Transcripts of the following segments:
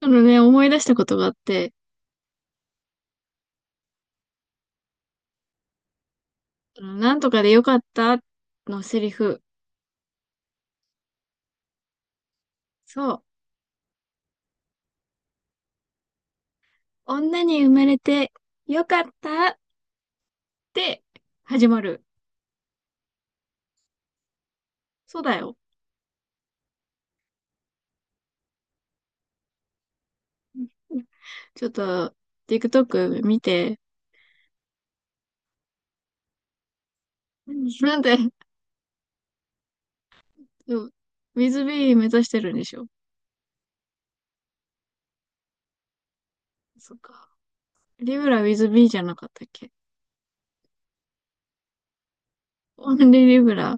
そのね、思い出したことがあって、あのなんとかでよかったのセリフ。そう。女に生まれてよかったって始まる。そうだよ。ちょっと、TikTok 見て。なんで、そう WithB 目指してるんでしょ？そっか。リブラ WithB じゃなかったっけ？オンリーリブラ。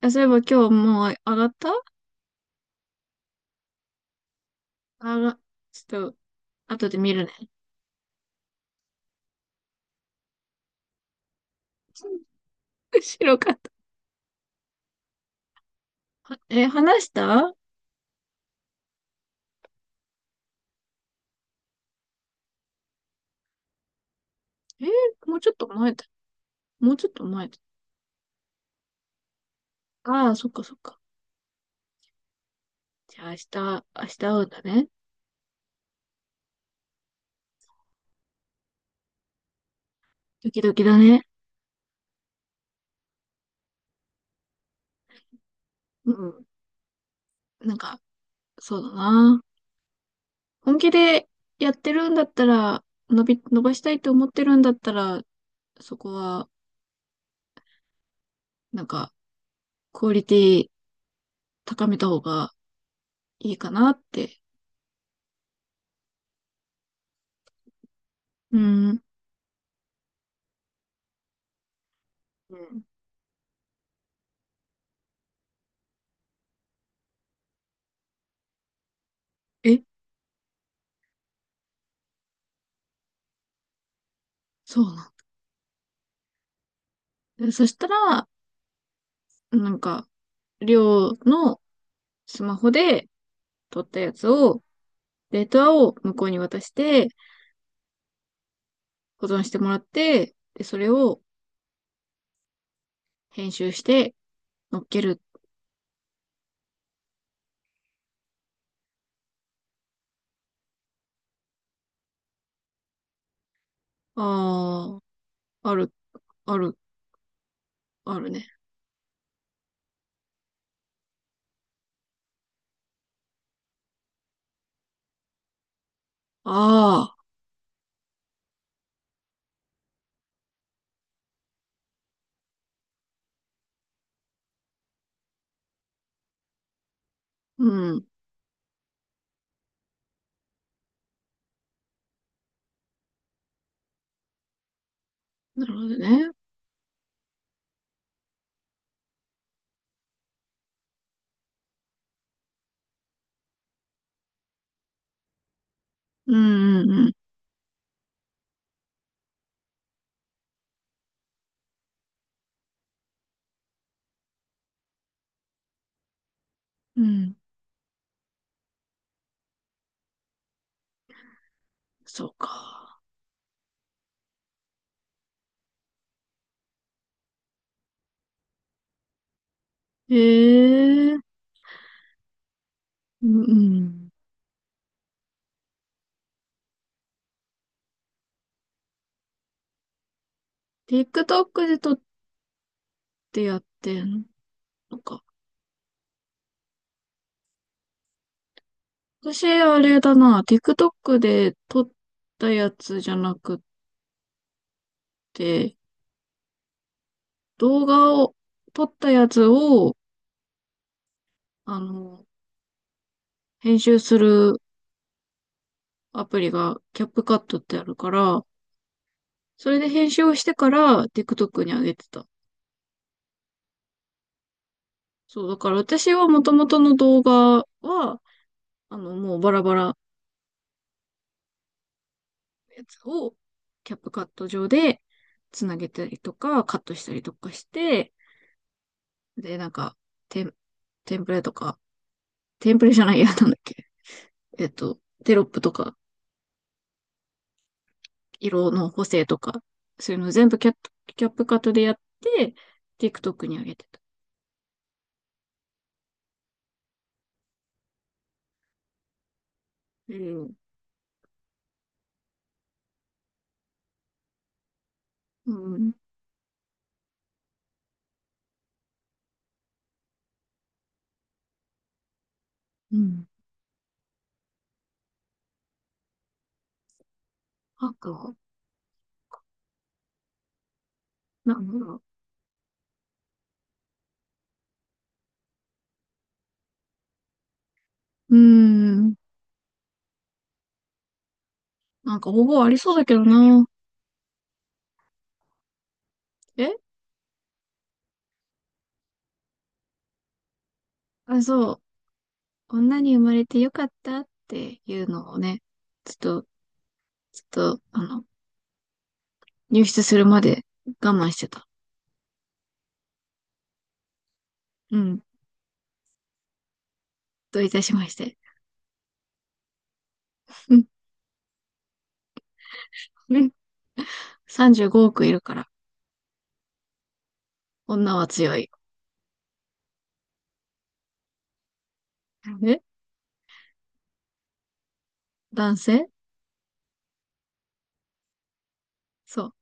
あ、そういえば今日もう上がった？上が、ちょっと、後で見るね。白かった。え、話した？えーもうちょっと前だ。もうちょっと前だ。ああ、そっかそっか。じゃあ明日、明日会うんだね。ドキドキだね。うん。なんか、そうだな。本気でやってるんだったら、伸ばしたいと思ってるんだったら、そこは、なんか、クオリティ高めた方がいいかなって。うん。うん。え、そうなの。でそしたら、なんか、りょうのスマホで撮ったやつを、データを向こうに渡して、保存してもらって、で、それを編集して乗っける。ああ、ある、ある、あるね。ああ、うん。なるほどね。うん、うん、うん。うん、そうか。ええ、うん、うん。TikTok で撮ってやってんのか？私、あれだな、TikTok で撮ったやつじゃなくて、動画を、撮ったやつを、あの、編集するアプリがキャップカットってあるから、それで編集をしてから TikTok に上げてた。そう、だから私はもともとの動画は、もうバラバラのやつをキャップカット上でつなげたりとか、カットしたりとかして、で、なんか、テン、テンプレとか、テンプレじゃないや、なんだっけ。テロップとか、色の補正とか、そういうの全部キャップカットでやって、TikTok に上げてた。うん。うん。うん。赤なんだろう。うーん。なんか方法ありそうだけどな。え、あ、そう。女に生まれてよかったっていうのをね、ちょっと、ちょっと、入室するまで我慢してた。うん。どういたしまして。うん。うん。35億いるから、女は強い。え、男性、そう。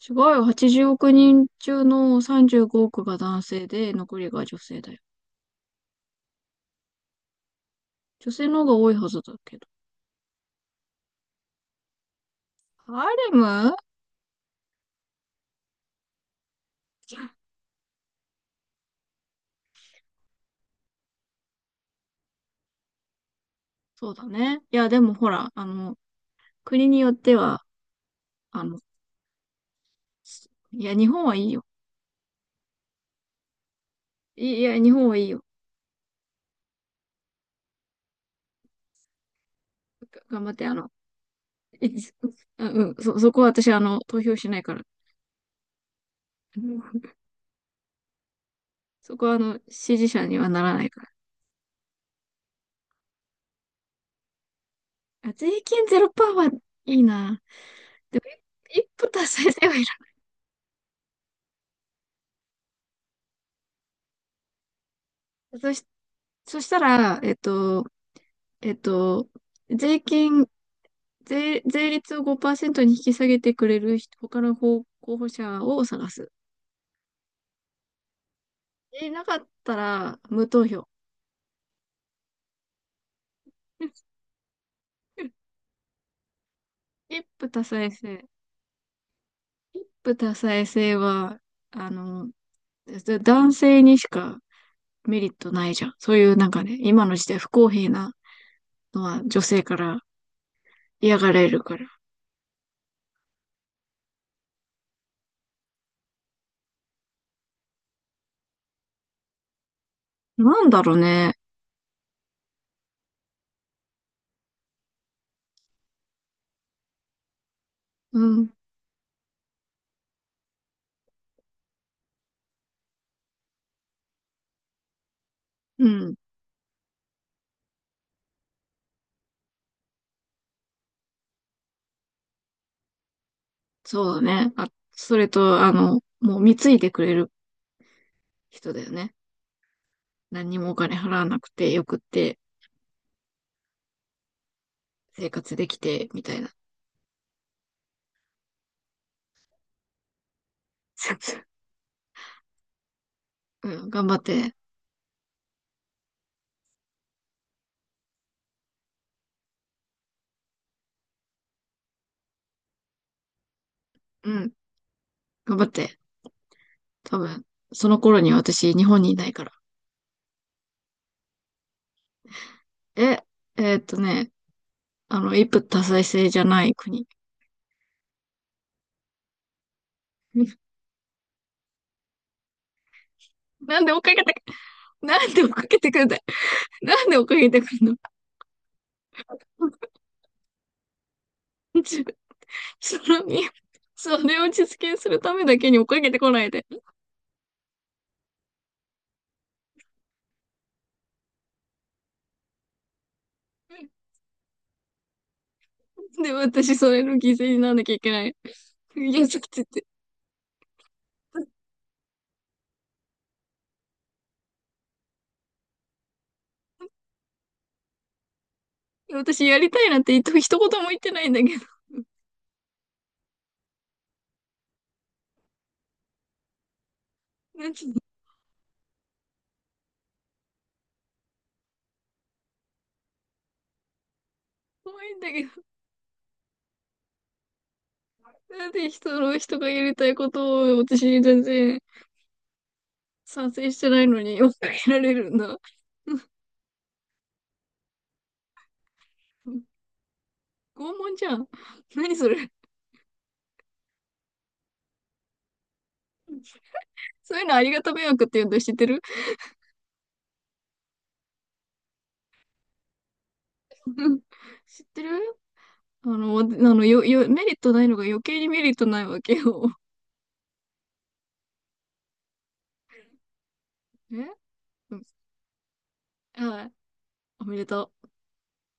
すごいよ。80億人中の35億が男性で、残りが女性だよ。女性の方が多いはずだけど。ハーレム、そうだね。いや、でもほら、国によっては、あの、いや、日本はいいよ。いいや、日本はいいよ。が頑張って、いあうん、そこは私、投票しないから。そこは、支持者にはならないから。あ、税金ゼロパーはいいな。でも、一一歩達成せよいらん。そしたら、えっと、税金、税率を5%に引き下げてくれる人他の候補者を探す。え、なかったら、無投票。一夫多妻制。一夫多妻制は、あの、男性にしかメリットないじゃん。そういうなんかね、今の時代不公平なのは女性から嫌がられるから。なんだろうね。うん。うん。そうだね。あ、それと、もう貢いでくれる人だよね。何にもお金払わなくてよくって生活できて、みたいな。うん。頑張って。うん。頑張って。多分、その頃に私、日本にいないから。え、えーっとね、一夫多妻制じゃない国。なんで追っかけて、なんで追っかけてくんだい？なんで追っかけてくんの？ その、それを実現するためだけに追っかけてこないで。で、私、それの犠牲にならなきゃいけない。いや、ちょっと言って。私、やりたいなんて一言も言ってないんだけど。なんて怖いんだけど。なんで人がやりたいことを私全然賛成してないのに追っかけられるんだ。拷問じゃん。何それ。そういうのありがた迷惑って言うんだ。知ってる？ 知ってる？メリットないのが余計にメリットないわけよ。え、うん、あ、おめでとう。